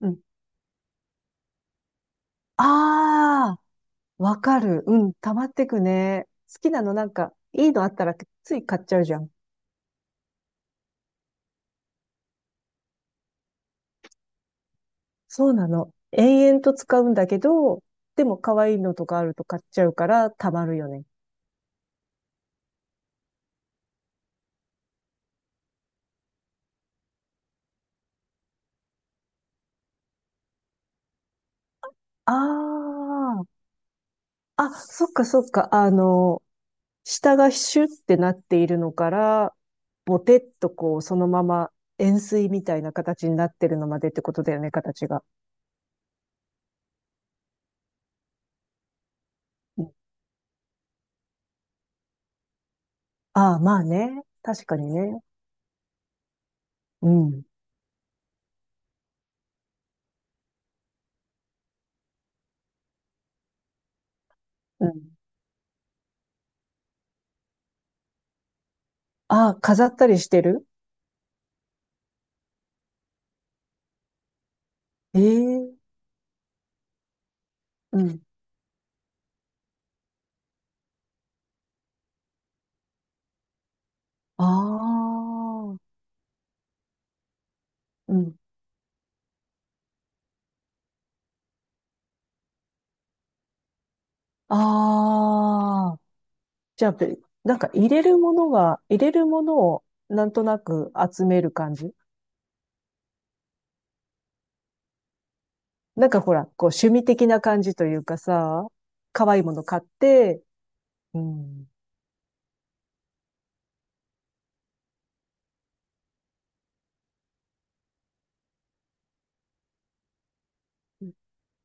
うん。ああ、わかる。うん、溜まってくね。好きなのなんか、いいのあったらつい買っちゃうじゃん。そうなの。延々と使うんだけど、でも可愛いのとかあると買っちゃうから溜まるよね。ああ、あ、そっかそっか。あの、下がシュってなっているのから、ボテッとこう、そのまま円錐みたいな形になってるのまでってことだよね、形が。うん。ああ、まあね。確かにね。うん。うん。ああ、飾ったりしてる？ええ。うん。ああ。うん。ああ。じゃあ、なんか入れるものをなんとなく集める感じ？なんかほら、こう趣味的な感じというかさ、可愛いもの買って、うん。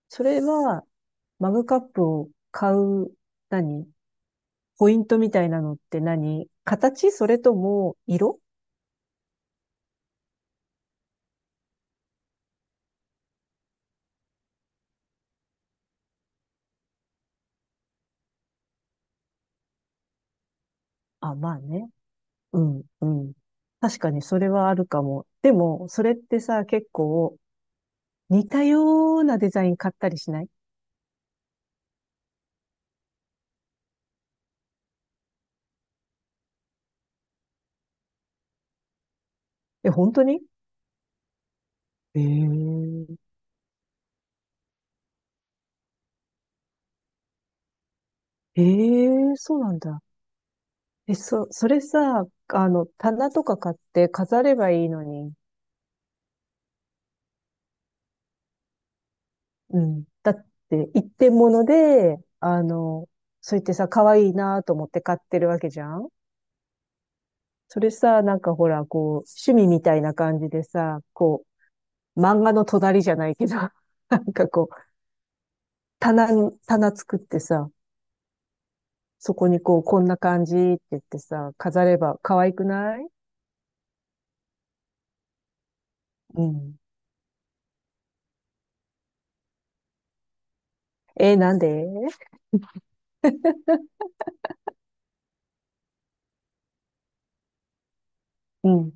それは、マグカップを買う、何ポイントみたいなのって何？形？それとも色？あ、まあね。うん、うん。確かにそれはあるかも。でも、それってさ、結構似たようなデザイン買ったりしない？え、本当に？ええ。ええ、そうなんだ。え、それさ、あの、棚とか買って飾ればいいのに。うん。だって、一点物で、あの、そう言ってさ、可愛いなと思って買ってるわけじゃん。それさ、なんかほら、こう、趣味みたいな感じでさ、こう、漫画の隣じゃないけど、なんかこう、棚作ってさ、そこにこう、こんな感じって言ってさ、飾れば可愛くない？うん。えー、なんで？うん、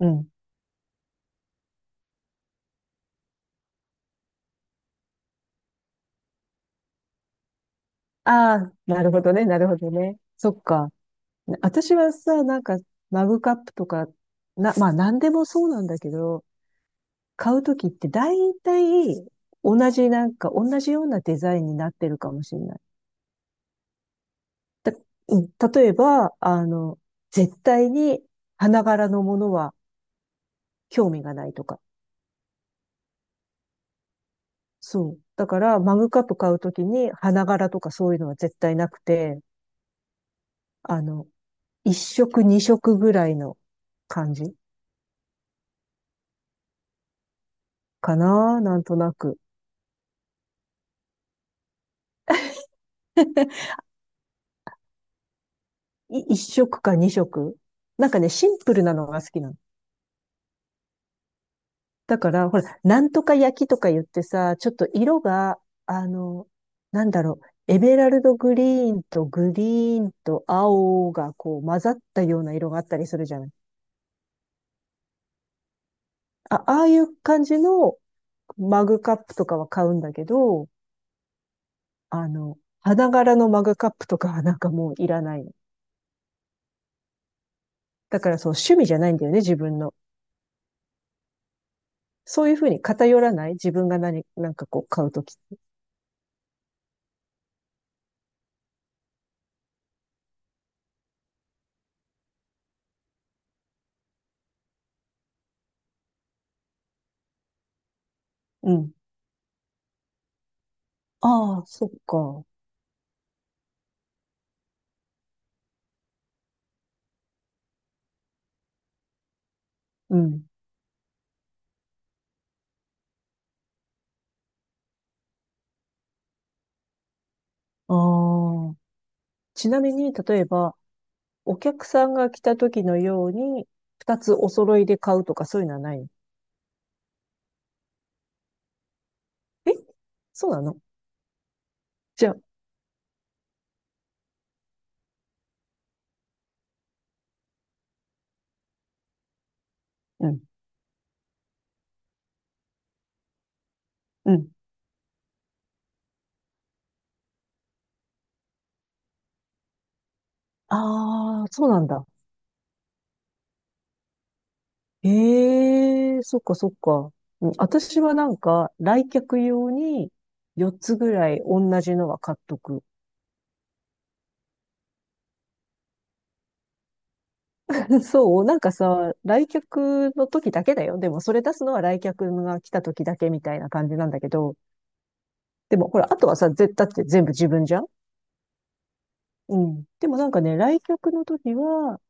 うん。ああ、なるほどね、なるほどね。そっか。私はさ、なんか、マグカップとか、まあ、なんでもそうなんだけど、買うときって大体、同じようなデザインになってるかもしれない。たうん、例えば、あの、絶対に花柄のものは興味がないとか。そう。だから、マグカップ買うときに、花柄とかそういうのは絶対なくて、あの、一色二色ぐらいの感じかな、なんとなく。一色か二色。なんかね、シンプルなのが好きなの。だから、ほら、なんとか焼きとか言ってさ、ちょっと色が、あの、なんだろう、エメラルドグリーンとグリーンと青がこう混ざったような色があったりするじゃない。あ、ああいう感じのマグカップとかは買うんだけど、あの、花柄のマグカップとかはなんかもういらないの。だからそう、趣味じゃないんだよね、自分の。そういうふうに偏らない自分がなんかこう買うとき。うん。ああ、そっか。うん。ああ。ちなみに、例えば、お客さんが来たときのように、二つお揃いで買うとかそういうのはないの？え、そうなの？じゃあ、うん、うん。ああ、そうなんだ。ええ、そっかそっか。うん、私はなんか、来客用に4つぐらい同じのは買っとく。そう、なんかさ、来客の時だけだよ。でもそれ出すのは来客が来た時だけみたいな感じなんだけど、でもほら、あとはさ、絶対って全部自分じゃん。うん。でもなんかね、来客の時は、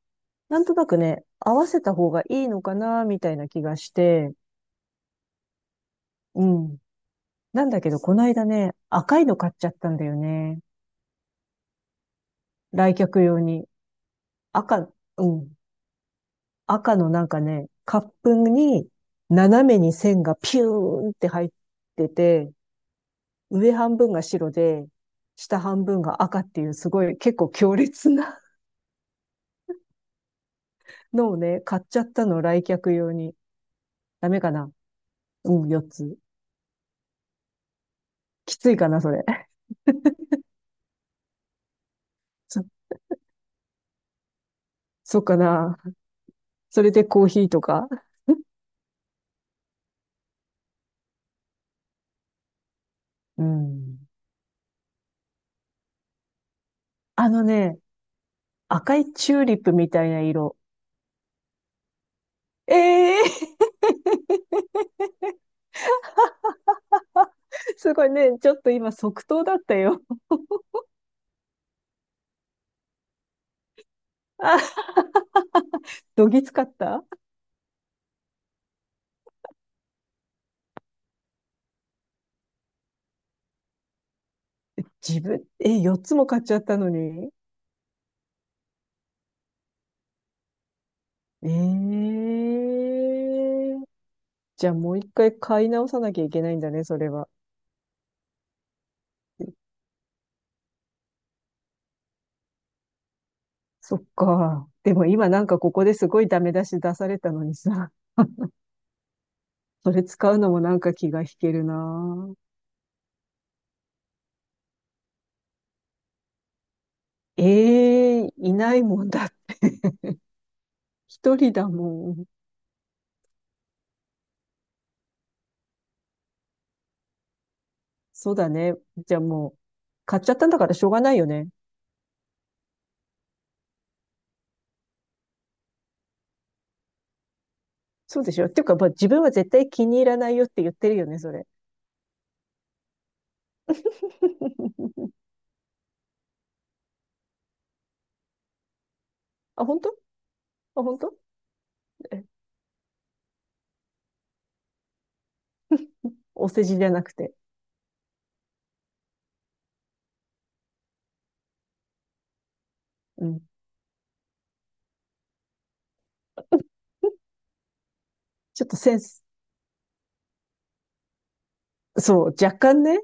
なんとなくね、合わせた方がいいのかな、みたいな気がして、うん。なんだけど、この間ね、赤いの買っちゃったんだよね。来客用に。赤、うん。赤のなんかね、カップに斜めに線がピューンって入ってて、上半分が白で、下半分が赤っていうすごい結構強烈な のをね、買っちゃったの、来客用に。ダメかな？うん、4つ。きついかな、それ。そ、そうかな。それでコーヒーとか。うん。あのね、赤いチューリップみたいな色。ええー。 すごいね、ちょっと今即答だったよ。あ、どぎつかった？自分、え、4つも買っちゃったのに？ええー。じゃあもう一回買い直さなきゃいけないんだね、それは。そっか。でも今なんかここですごいダメ出し出されたのにさ、それ使うのもなんか気が引けるな。ええ、いないもんだ。一人だもん。そうだね。じゃあもう、買っちゃったんだからしょうがないよね。そうでしょ。っていうか、まあ、自分は絶対気に入らないよって言ってるよね、それ。あ、本当？あ、本当？え、お世辞じゃなくて。うん。ちょっとセンス、そう、若干ね、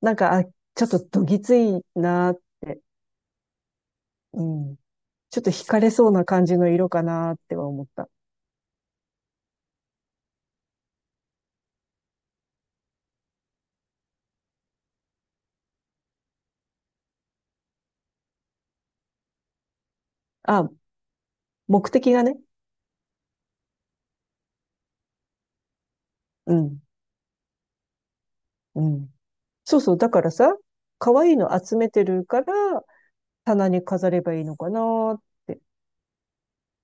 なんか、あ、ちょっとどぎついな、うん。ちょっと惹かれそうな感じの色かなっては思った。あ、目的がね。うん、うん。そうそう、だからさ、可愛いの集めてるから、棚に飾ればいいのかなって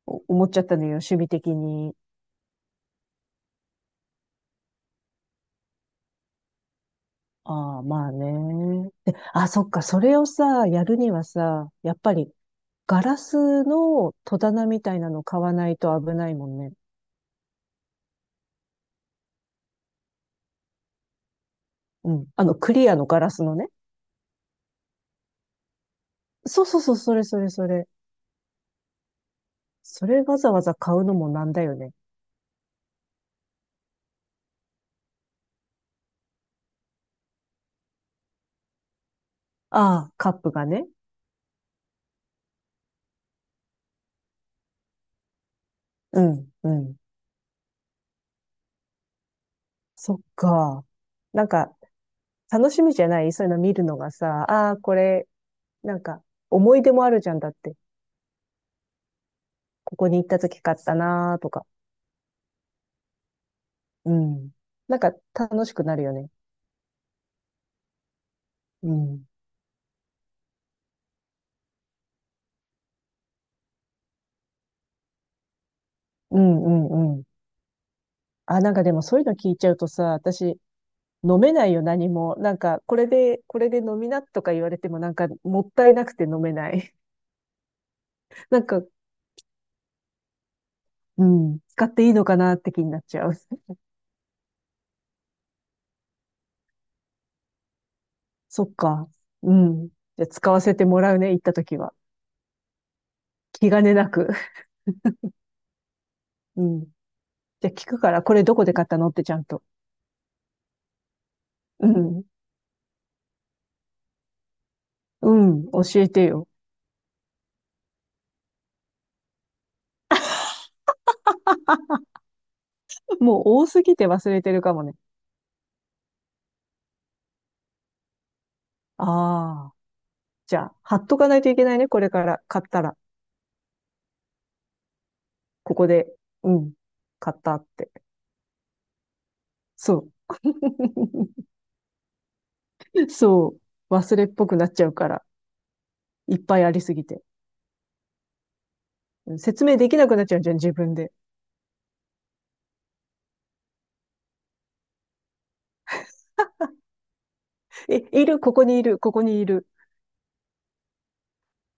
思っちゃったのよ、趣味的に。ああ、まあね。で、あ、そっか、それをさ、やるにはさ、やっぱり、ガラスの戸棚みたいなの買わないと危ないもんね。うん。あの、クリアのガラスのね。そうそうそう、それそれそれ。それわざわざ買うのもなんだよね。ああ、カップがね。うん、うん。そっか。なんか、楽しみじゃない？そういうの見るのがさ、ああ、これ、なんか、思い出もあるじゃんだって。ここに行った時買ったなーとか。うん。なんか、楽しくなるよね。うん。うん、うん、うん。あ、なんかでもそういうの聞いちゃうとさ、私、飲めないよ、何も。なんか、これで、これで飲みなとか言われても、なんか、もったいなくて飲めない。なんか、うん、使っていいのかなって気になっちゃう。そっか。うん。じゃあ、使わせてもらうね、行った時は。気兼ねなく。うん。じゃあ、聞くから、これどこで買ったのってちゃんと。うん。うん、教えてよ。もう多すぎて忘れてるかもね。ああ。じゃあ、貼っとかないといけないね、これから。買ったら。ここで。うん。買ったって。そう。そう。忘れっぽくなっちゃうから。いっぱいありすぎて。うん、説明できなくなっちゃうじゃん、自分で。え、いる、ここにいる、ここにいる。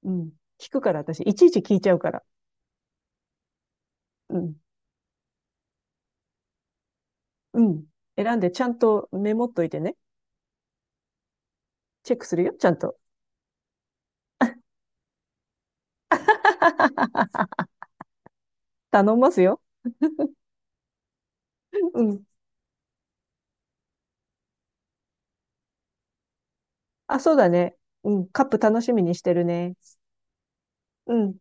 うん。聞くから、私。いちいち聞いちゃうから。うん。うん。選んで、ちゃんとメモっといてね。チェックするよ、ちゃんと。頼んますよ。うん。あ、そうだね。うん。カップ楽しみにしてるね。うん。